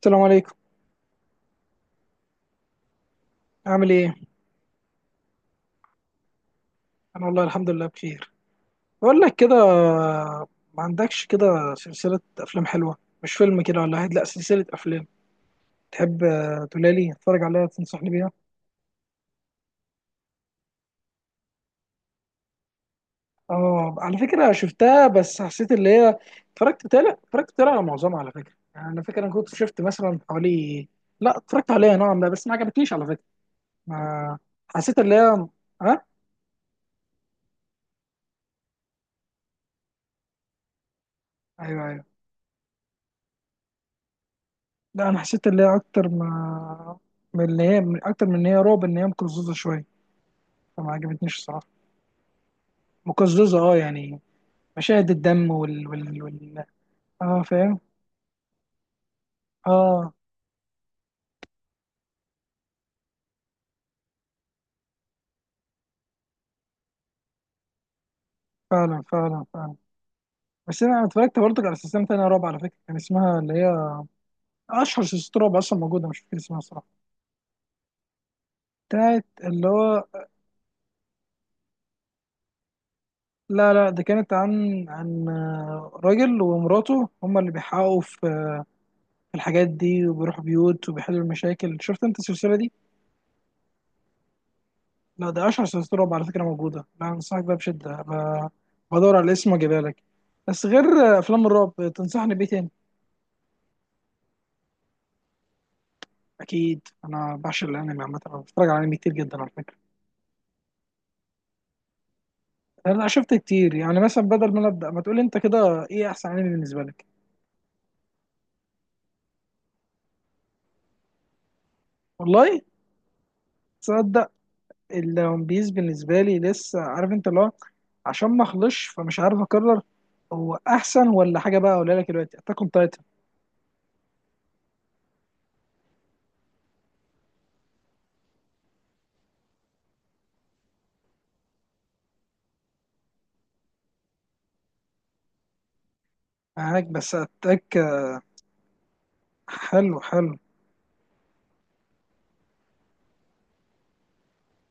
السلام عليكم. عامل ايه؟ انا والله الحمد لله بخير. بقول لك كده، ما عندكش كده سلسلة افلام حلوة؟ مش فيلم كده ولا واحد، لا سلسلة افلام تحب تقولها لي اتفرج عليها، تنصحني بيها. اه على فكرة شفتها بس حسيت اللي هي. اتفرجت تالي على معظمها على فكرة، يعني انا فاكر انا كنت شفت مثلا حوالي. لا اتفرجت عليها نوعا ما بس ما عجبتنيش على فكرة. ما حسيت اللي هي. ها. ايوه، ايوه. لا انا حسيت اللي هي اكتر ما من اللي هي، من اكتر من ان هي رعب ان هي مقززة شوية، فما عجبتنيش الصراحه. مقززه اه يعني. مشاهد الدم وال. اه فاهم. اه. فعلا فعلا فعلا. بس انا اتفرجت برضك على سلسله تانية رعب على فكره، كان اسمها اللي هي اشهر سلسله رعب اصلا موجوده، مش فاكر اسمها الصراحه. بتاعت اللي هو. لا ده كانت عن عن راجل ومراته هما اللي بيحققوا في في الحاجات دي، وبيروحوا بيوت وبيحلوا المشاكل. شفت انت السلسله دي؟ لا ده اشهر سلسله رعب على فكره موجوده، انا انصحك بيها بشده. ما بدور على الاسم واجيبها لك. بس غير افلام الرعب تنصحني بايه تاني؟ اكيد انا بعشق الانمي عامه، انا بتفرج على انمي كتير جدا على فكره. انا شفت كتير، يعني مثلا بدل ما أنا ابدا ما تقولي انت كده ايه احسن انمي بالنسبه لك؟ والله. تصدق الون بيس بالنسبه لي لسه عارف انت اللي هو، عشان ما اخلصش فمش عارف اقرر هو احسن ولا حاجه بقى اقولها لك دلوقتي اتاك اون تايتن. معاك، بس اتاك. حلو حلو.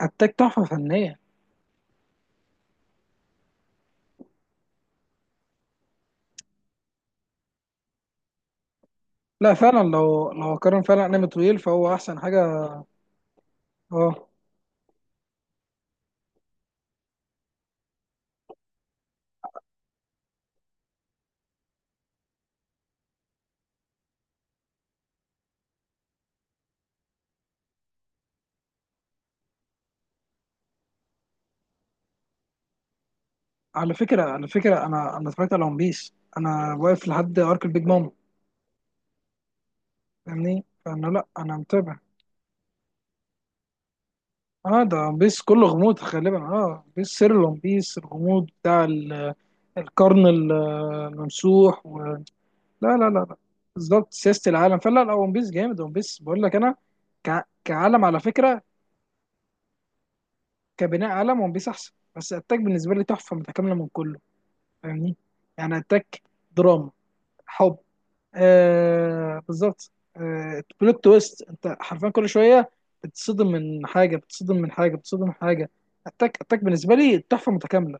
اتاك تحفه فنيه. لا فعلا، لو قارن فعلا انمي طويل فهو احسن حاجه. اه على فكره على فكره، انا اتفرجت على ون بيس، انا واقف لحد ارك البيج مام، فاهمني؟ فانا لا انا متابع. اه ده ون بيس كله غموض غالبا، اه ون بيس سر ون بيس الغموض بتاع القرن الممسوح. لا لا لا لا. بالظبط سياسه العالم، فلا لا ون بيس جامد، ون بيس بقول لك انا كعالم على فكره، كبناء عالم ون بيس احسن، بس اتاك بالنسبه لي تحفه متكامله من كله، فاهمني؟ يعني اتاك دراما، حب. آه بالظبط. آه بلوت تويست انت حرفيا كل شويه بتصدم من حاجه، بتصدم من حاجه، بتصدم من حاجه. اتاك اتاك بالنسبه لي تحفه متكامله.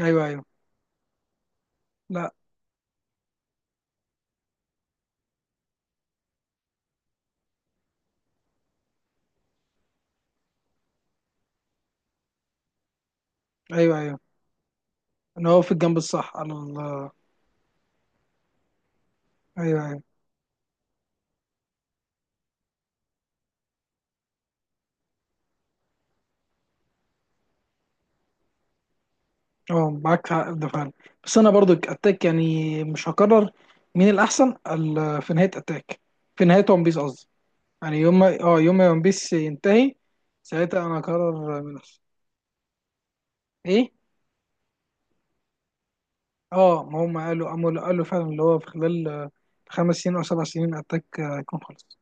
ايوه، ايوه. لا، ايوه، ايوه. انا هو في الجنب الصح على الله. ايوه، ايوه. اه معاك حق في ده فعلا. بس انا برضو اتاك يعني مش هكرر مين الاحسن في نهايه اتاك، في نهايه ون بيس قصدي. يعني يوم ما اه يوم ما ون بيس ينتهي ساعتها انا هكرر من الاحسن. ايه؟ اه ما هم قالوا قاموا قالوا فعلا اللي هو في خلال 5 سنين او 7 سنين اتاك هيكون خلص.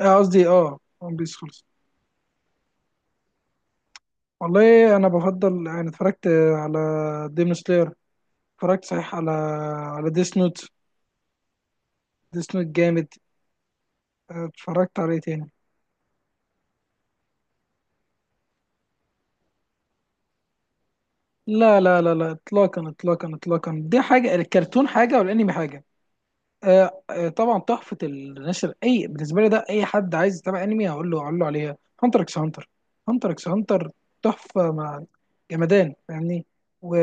قصدي اه ون بيس خلص. والله انا بفضل يعني اتفرجت على ديمون سلاير، اتفرجت صحيح على على ديس نوت. ديس نوت جامد. اتفرجت على ايه تاني؟ لا لا لا لا اطلاقا اطلاقا اطلاقا، دي حاجه، الكرتون حاجه والانمي حاجه. طبعا تحفه النشر اي بالنسبه لي، ده اي حد عايز يتابع انمي هقول له، هقول له عليها هانتر اكس هانتر. هانتر اكس هانتر تحفه، مع جمدان فاهمني. و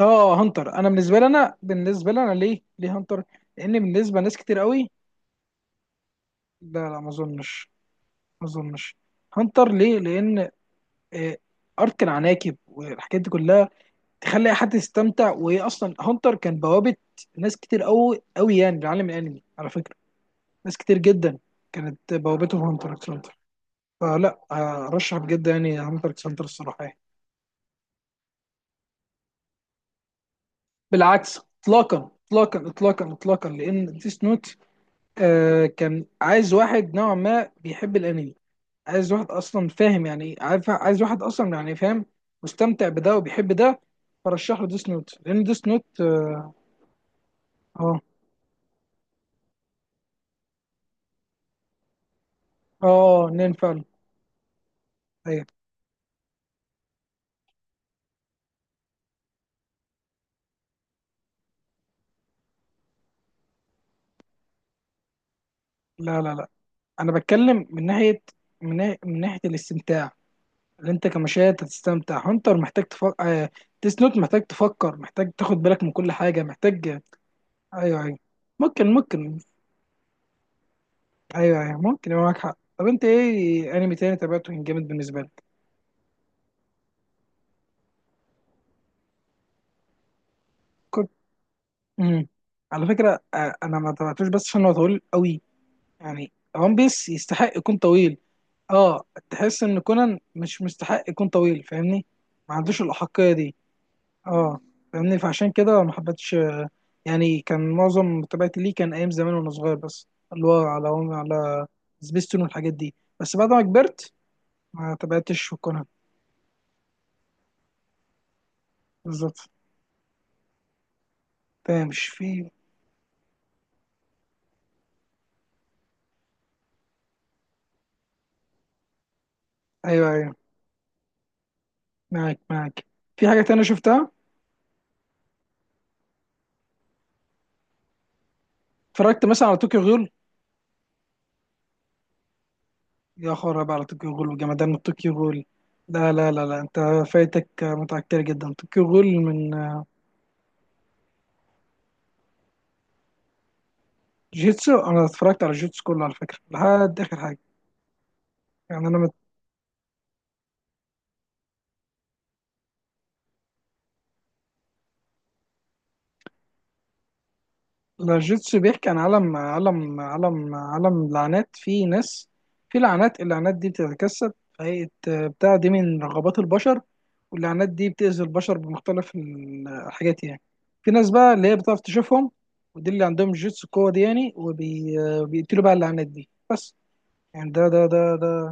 اه هانتر انا بالنسبه لي، انا بالنسبه لي، انا ليه ليه هانتر؟ لان بالنسبه لناس كتير قوي. لا لا ما اظنش، ما اظنش. هانتر ليه؟ لان آه، ارك العناكب والحاجات دي كلها تخلي اي حد يستمتع. وهي اصلا هانتر كان بوابه ناس كتير قوي قوي يعني لعالم الانمي على فكره، ناس كتير جدا كانت بوابتهم هانتر اكس هانتر. فلا ارشح بجد يعني هانتر اكس هانتر الصراحه يعني. بالعكس اطلاقا اطلاقا اطلاقا اطلاقا، لان ديس نوت آه كان عايز واحد نوعا ما بيحب الانمي، عايز واحد اصلا فاهم يعني ايه، عارف عايز واحد اصلا يعني فاهم مستمتع بده وبيحب ده، فرشح له ديس نوت. لان ديس نوت اه اه. نين فعلا. ايوه. لا لا لا، انا بتكلم من ناحيه من ناحية الاستمتاع اللي انت كمشاهد هتستمتع. هانتر محتاج تفكر، ديس نوت محتاج تفكر، محتاج تاخد بالك من كل حاجه محتاج. ايوه، ايوه. ممكن، ممكن. ايوه، ايوه ممكن يبقى معاك حق. طب انت ايه انمي تاني تابعته كان جامد بالنسبه لك؟ كنت. امم. على فكره انا ما تابعتوش بس عشان هو طويل قوي، يعني وان بيس يستحق يكون طويل. اه تحس ان كونان مش مستحق يكون طويل، فاهمني؟ ما عندوش الاحقيه دي. اه فاهمني، فعشان كده ما حبيتش. يعني كان معظم متابعتي ليه كان ايام زمان وانا صغير، بس اللي هو على على سبيستون والحاجات دي. بس بعد ما كبرت ما تابعتش في القناه. بالظبط. فاهم مش في. ايوه، ايوه. معاك، معاك. في حاجه تانية شفتها؟ اتفرجت مثلا على طوكيو غول. يا خرا بقى على طوكيو غول، وجمدان من طوكيو غول. لا لا لا لا انت فايتك متعة كتير جدا طوكيو غول من. جيتسو انا اتفرجت على جيتسو كله على فكره لحد اخر حاجه. يعني انا الجوتسو بيحكي عن عالم لعنات، في ناس في لعنات، اللعنات دي بتتجسد في هيئة بتاع دي من رغبات البشر، واللعنات دي بتأذي البشر بمختلف الحاجات يعني. في ناس بقى اللي هي بتعرف تشوفهم، ودي اللي عندهم جوتسو القوة دي يعني، وبيقتلوا بقى اللعنات دي بس. يعني ده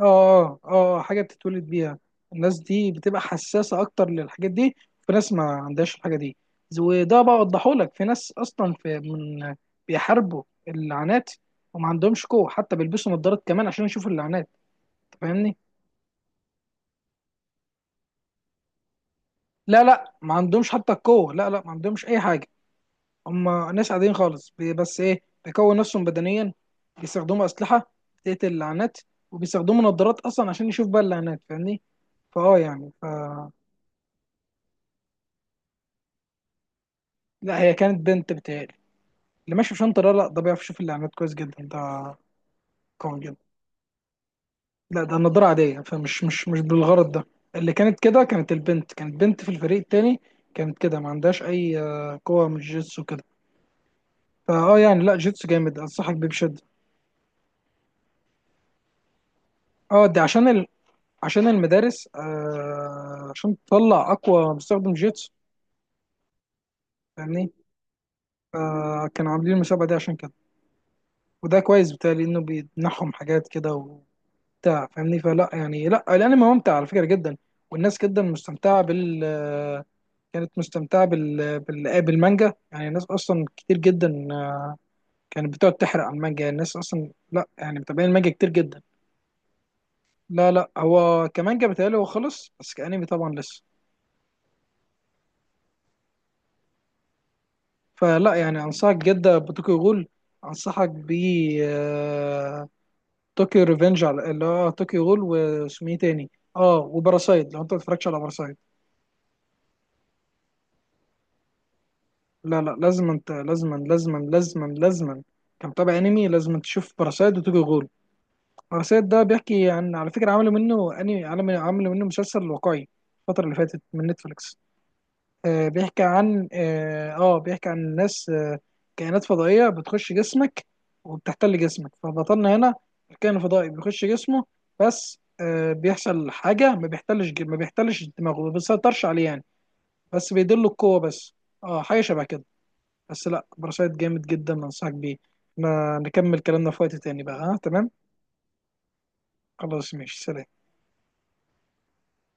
اه اه حاجه بتتولد بيها. الناس دي بتبقى حساسه اكتر للحاجات دي. في ناس ما عندهاش الحاجه دي. وده بقى اوضحه لك، في ناس اصلا في من بيحاربوا اللعنات وما عندهمش قوه، حتى بيلبسوا نظارات كمان عشان يشوفوا اللعنات. أنت فاهمني؟ لا لا ما عندهمش حتى القوه، لا لا ما عندهمش اي حاجه. هم ناس عاديين خالص بس ايه بيكون نفسهم بدنيا، بيستخدموا اسلحه بتقتل اللعنات، وبيستخدموا نظارات اصلا عشان يشوف بقى اللعنات، فاهمني؟ يعني ف. لا هي كانت بنت بتهيألي، اللي ماشي بشنطة لا لا ده بيعرف يشوف الإعلانات كويس جدا ده، قوي جدا. لا ده النضارة عادية، فمش مش مش بالغرض ده. اللي كانت كده كانت البنت، كانت بنت في الفريق التاني، كانت كده ما عندهاش أي قوة من الجيتسو كده. فأه يعني لا جيتسو جامد، أنصحك بيه بشدة. أه دي عشان عشان المدارس عشان تطلع أقوى مستخدم جيتسو، فاهمني؟ كانوا عاملين المسابقة دي عشان كده، وده كويس بتهيألي إنه بيمنحهم حاجات كده، بتاع فاهمني. فلا يعني لا الانمي ممتع على فكره جدا، والناس جدا مستمتعه بال، كانت مستمتعه بالمانجا، يعني الناس اصلا كتير جدا كانت بتقعد تحرق على المانجا، يعني الناس اصلا لا يعني متابعين المانجا كتير جدا. لا لا هو كمانجا بيتهيألي هو خلص، بس كانمي طبعا لسه. فلا يعني انصحك جدا بطوكيو غول. انصحك ب آه، طوكيو ريفنج، على اللي هو طوكيو غول واسمه ايه تاني. اه وباراسايد، لو انت ما اتفرجتش على باراسايد لا لا لازم انت، لازما لازما لازما لازما، كمتابع انمي لازم تشوف باراسايت وتوكيو غول. باراسايت ده بيحكي عن، على فكره عملوا منه انمي، عملوا عملوا منه مسلسل واقعي الفتره اللي فاتت من نتفليكس. آه بيحكي عن اه بيحكي عن ناس آه كائنات فضائيه بتخش جسمك وبتحتل جسمك، فبطلنا هنا الكائن الفضائي بيخش جسمه، بس آه بيحصل حاجه ما بيحتلش، ما بيحتلش دماغه ما بيسيطرش عليه يعني، بس بيدله القوه بس. اه حاجه شبه كده. بس لا باراسايت جامد جدا، انصحك بيه. احنا نكمل كلامنا في وقت تاني بقى، ها تمام؟ خلاص ماشي، سلام.